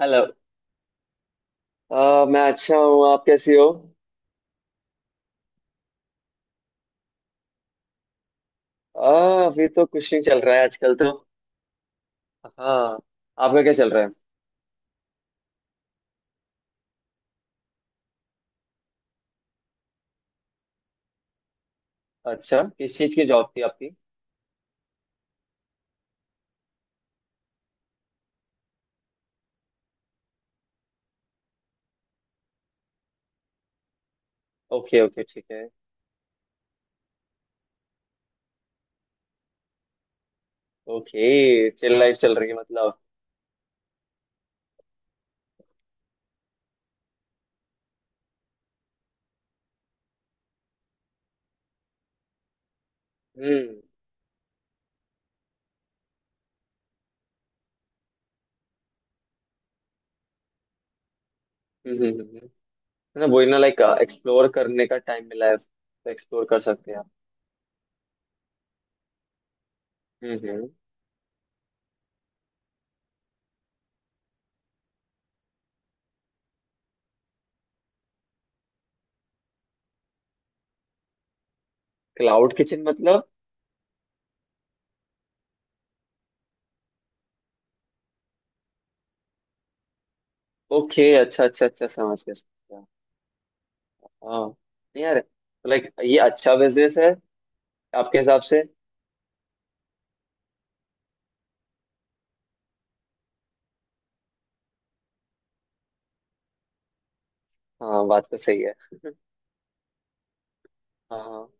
Hello. मैं अच्छा हूँ। आप कैसी हो? अ, अभी तो कुछ नहीं चल रहा है आजकल तो। हाँ। आपका क्या चल रहा है? अच्छा, किस चीज़ की जॉब थी आपकी? ओके ओके, ठीक है। ओके, चिल लाइफ चल रही है मतलब। हम्म। हम्म, हम्म, हम्म। ना वही ना, लाइक एक्सप्लोर करने का टाइम मिला है तो एक्सप्लोर कर सकते हैं आप। हम्म। क्लाउड किचन मतलब? ओके, अच्छा अच्छा अच्छा, समझ गया समझ गया। हाँ। नहीं यार, लाइक ये अच्छा बिजनेस है आपके हिसाब से? हाँ, बात तो सही है। हाँ हाँ।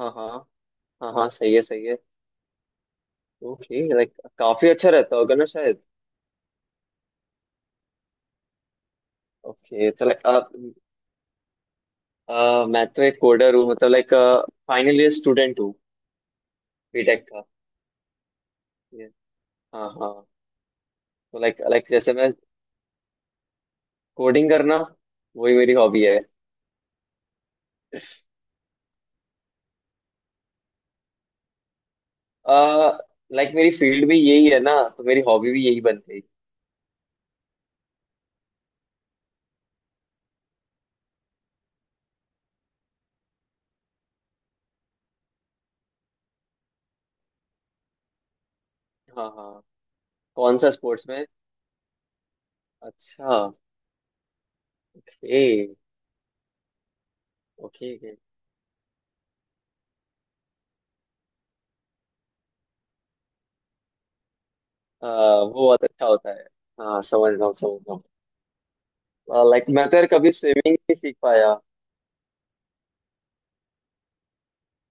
हाँ हाँ। हाँ हाँ, सही है सही है। ओके लाइक, काफी अच्छा रहता होगा ना शायद। ओके तो लाइक आप, मैं तो एक कोडर हूँ, मतलब लाइक फाइनल ईयर स्टूडेंट हूँ बीटेक का। ये, हाँ हाँ। तो लाइक लाइक जैसे मैं कोडिंग करना, वही मेरी हॉबी है। लाइक मेरी फील्ड भी यही है ना, तो मेरी हॉबी भी यही बन गई। हाँ हाँ। कौन सा स्पोर्ट्स में? अच्छा। Okay okay okay. वो बहुत अच्छा होता है। हाँ, समझ रहा हूँ समझ रहा हूँ। लाइक मैं तो यार कभी स्विमिंग नहीं सीख पाया।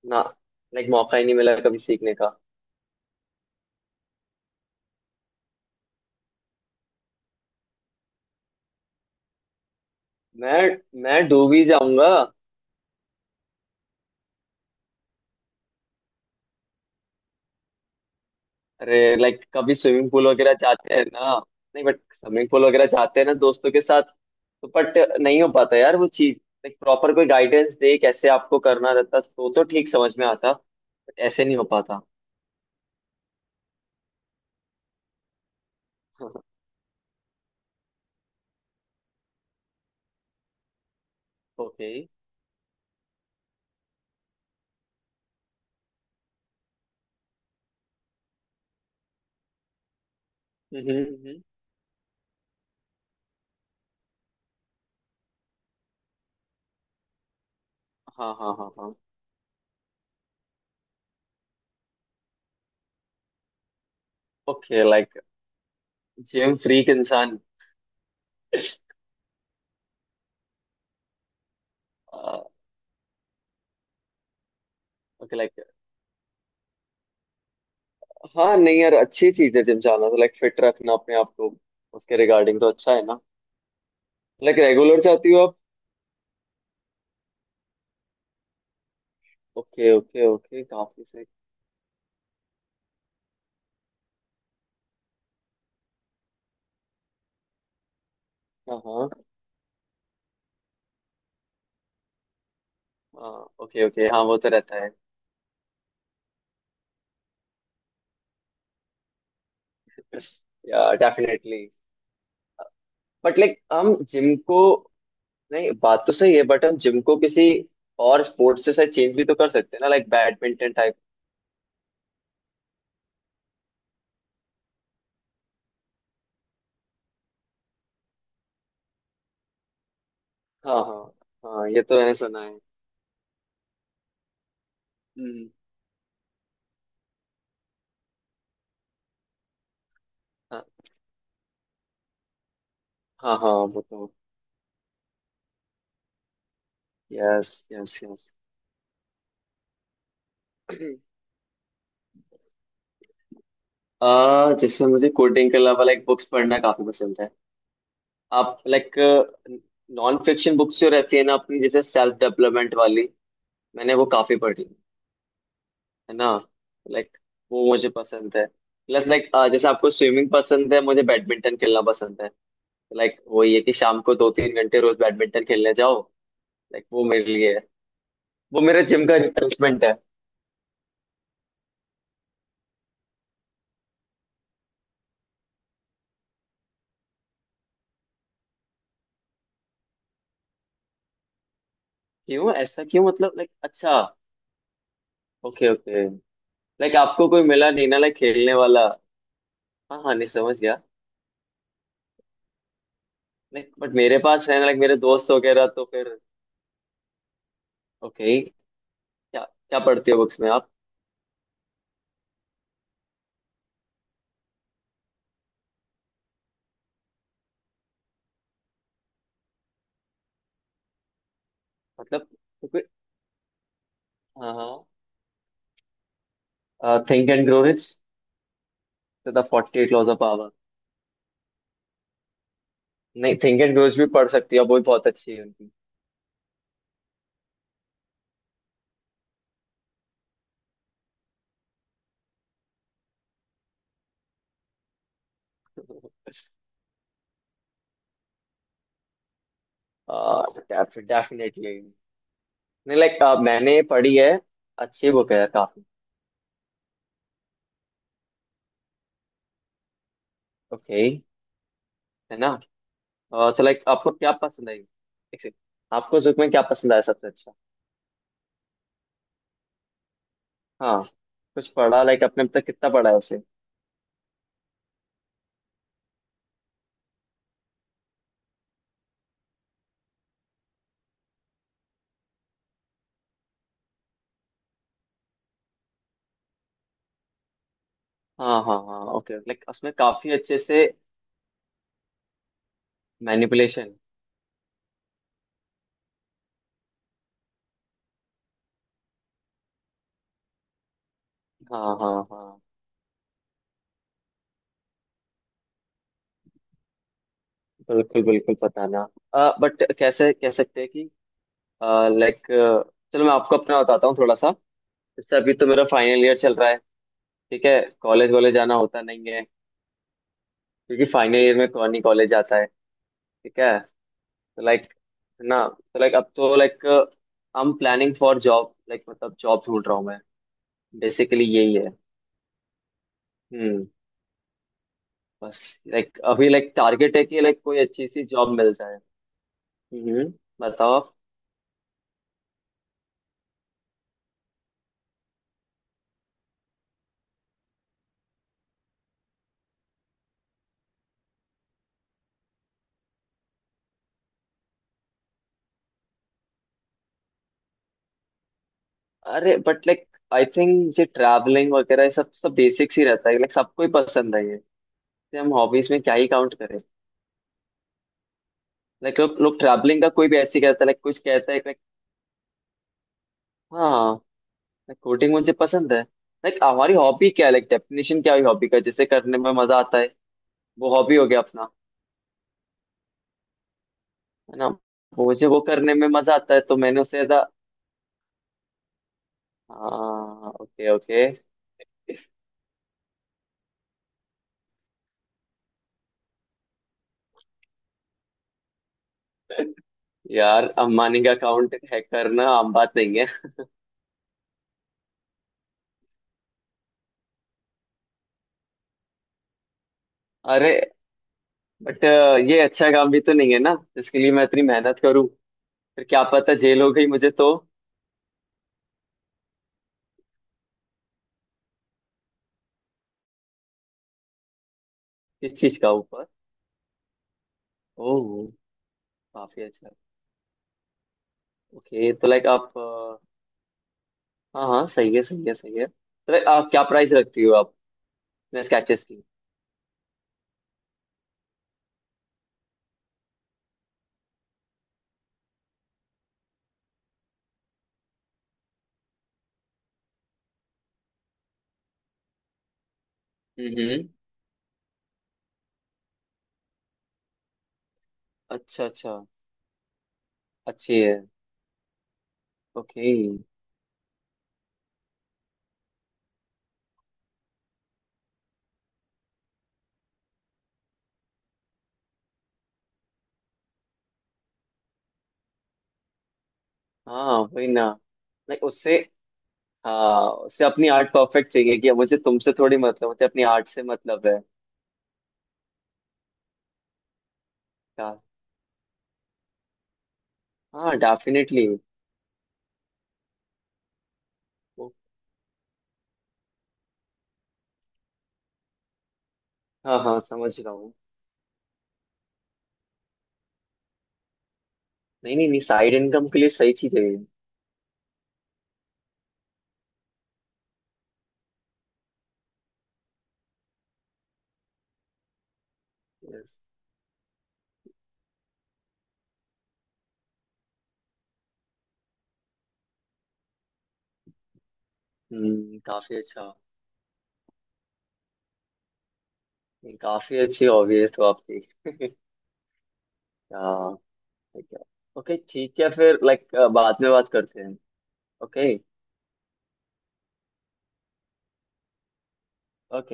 ना, लाइक मौका ही नहीं मिला कभी सीखने का। मैं मैं डूब ही जाऊंगा। अरे, लाइक कभी स्विमिंग पूल वगैरह जाते हैं ना। नहीं बट स्विमिंग पूल वगैरह जाते हैं ना दोस्तों के साथ, तो बट नहीं हो पाता यार वो चीज। लाइक प्रॉपर कोई गाइडेंस दे कैसे आपको करना रहता तो ठीक समझ में आता, बट ऐसे नहीं हो पाता। ओके। हम्म हम्म, हाँ हाँ हाँ हाँ। ओके लाइक, जिम फ्रीक इंसान। ओके लाइक, हाँ नहीं यार, अच्छी चीज है जिम जाना, तो लाइक फिट रखना अपने आप को, उसके रिगार्डिंग तो अच्छा है ना। लाइक रेगुलर जाती हो आप? ओके ओके ओके, काफी सही। हाँ हाँ। ओके ओके, हाँ वो तो रहता है। या डेफिनेटली। बट लाइक हम जिम को, नहीं बात तो सही है बट हम जिम को किसी और स्पोर्ट्स से शायद चेंज भी तो कर सकते हैं ना, लाइक बैडमिंटन टाइप। हाँ हाँ। हाँ ये तो मैंने सुना है। हम्म। हाँ हाँ हाँ, वो तो। Yes yes yes. जैसे मुझे कोडिंग के अलावा लाइक बुक्स पढ़ना काफी पसंद है। आप लाइक नॉन फिक्शन बुक्स जो रहती है ना अपनी, जैसे सेल्फ डेवलपमेंट वाली, मैंने वो काफी पढ़ी है ना, लाइक वो मुझे पसंद है। प्लस लाइक, जैसे आपको स्विमिंग पसंद है, मुझे बैडमिंटन खेलना पसंद है। लाइक वही है कि शाम को 2-3 घंटे रोज बैडमिंटन खेलने जाओ। लाइक वो मेरे लिए है, वो मेरा जिम का रिप्लेसमेंट है। क्यों? ऐसा क्यों मतलब, लाइक अच्छा, ओके ओके। लाइक आपको कोई मिला नहीं ना लाइक खेलने वाला? हाँ हाँ, नहीं समझ गया। नहीं बट मेरे पास है लाइक मेरे दोस्त वगैरह, तो फिर। ओके। क्या क्या पढ़ते हो बुक्स में आप, मतलब? तो कोई- हाँ हाँ, think and grow rich. The 48 laws of power. नहीं, थिंक एंड ग्रो रिच भी पढ़ सकती हो, वो भी बहुत अच्छी है उनकी। डेफिनेटली। नहीं लाइक मैंने पढ़ी है, अच्छी बुक है काफी। ओके। है ना? तो लाइक आपको क्या पसंद आई? एक second, आपको उस book में क्या पसंद आया सबसे अच्छा? हाँ, कुछ पढ़ा लाइक आपने, अब तक कितना पढ़ा है उसे? हाँ हाँ हाँ, ओके लाइक उसमें काफी अच्छे से मैनिपुलेशन। हाँ हाँ हाँ, बिल्कुल बिल्कुल बताना। बट कैसे कह सकते हैं कि, लाइक, चलो मैं आपको अपना बताता हूँ थोड़ा सा। जैसे अभी तो मेरा फाइनल ईयर चल रहा है, ठीक है। कॉलेज वॉलेज जाना होता नहीं है, क्योंकि फाइनल ईयर में कौन ही कॉलेज जाता है, ठीक है। तो लाइक ना, तो लाइक अब तो like I am planning for job, like मतलब जॉब ढूंढ रहा हूँ मैं, बेसिकली यही है। हम्म, बस। लाइक अभी लाइक टारगेट है कि लाइक कोई अच्छी सी जॉब मिल जाए। हम्म। बताओ। अरे बट लाइक, आई थिंक ये ट्रैवलिंग वगैरह ये सब सब बेसिक्स ही रहता है, लाइक सबको ही पसंद है ये, तो हम हॉबीज में क्या ही काउंट करें। लाइक लोग लोग ट्रैवलिंग का कोई भी ऐसे कहता है, लाइक कुछ कहता है, लाइक, हाँ। लाइक कोडिंग मुझे पसंद है। लाइक हमारी हॉबी क्या है, लाइक डेफिनेशन क्या है हॉबी का, जैसे करने में मजा आता है, वो हॉबी हो गया अपना। है ना, मुझे वो करने में मजा आता है तो मैंने उसे ज्यादा। हाँ ओके ओके। यार, अम्बानी का अकाउंट हैक करना आम बात नहीं है। अरे बट ये अच्छा काम भी तो नहीं है ना जिसके लिए मैं इतनी मेहनत करूं, फिर क्या पता जेल हो गई मुझे तो। इस चीज का ऊपर। ओह। काफी अच्छा। ओके तो लाइक आप, हाँ हाँ, सही है सही है सही है। तो लाइक आप क्या प्राइस रखती हो आप, स्केचेस की? हम्म। अच्छा अच्छा। अच्छी है। ओके। हाँ वही ना। लाइक उससे, हाँ उससे अपनी आर्ट परफेक्ट चाहिए कि मुझे तुमसे थोड़ी, मतलब मुझे अपनी आर्ट से मतलब है। क्या? हाँ डेफिनेटली। हाँ हाँ, समझ रहा हूँ। नहीं नहीं नहीं, साइड इनकम के लिए सही चीज है। यस। हम्म, काफी अच्छा। नहीं, काफी अच्छी हॉबी है तो आपकी। हाँ। ओके ठीक है फिर, लाइक बाद में बात करते हैं। ओके। ओके।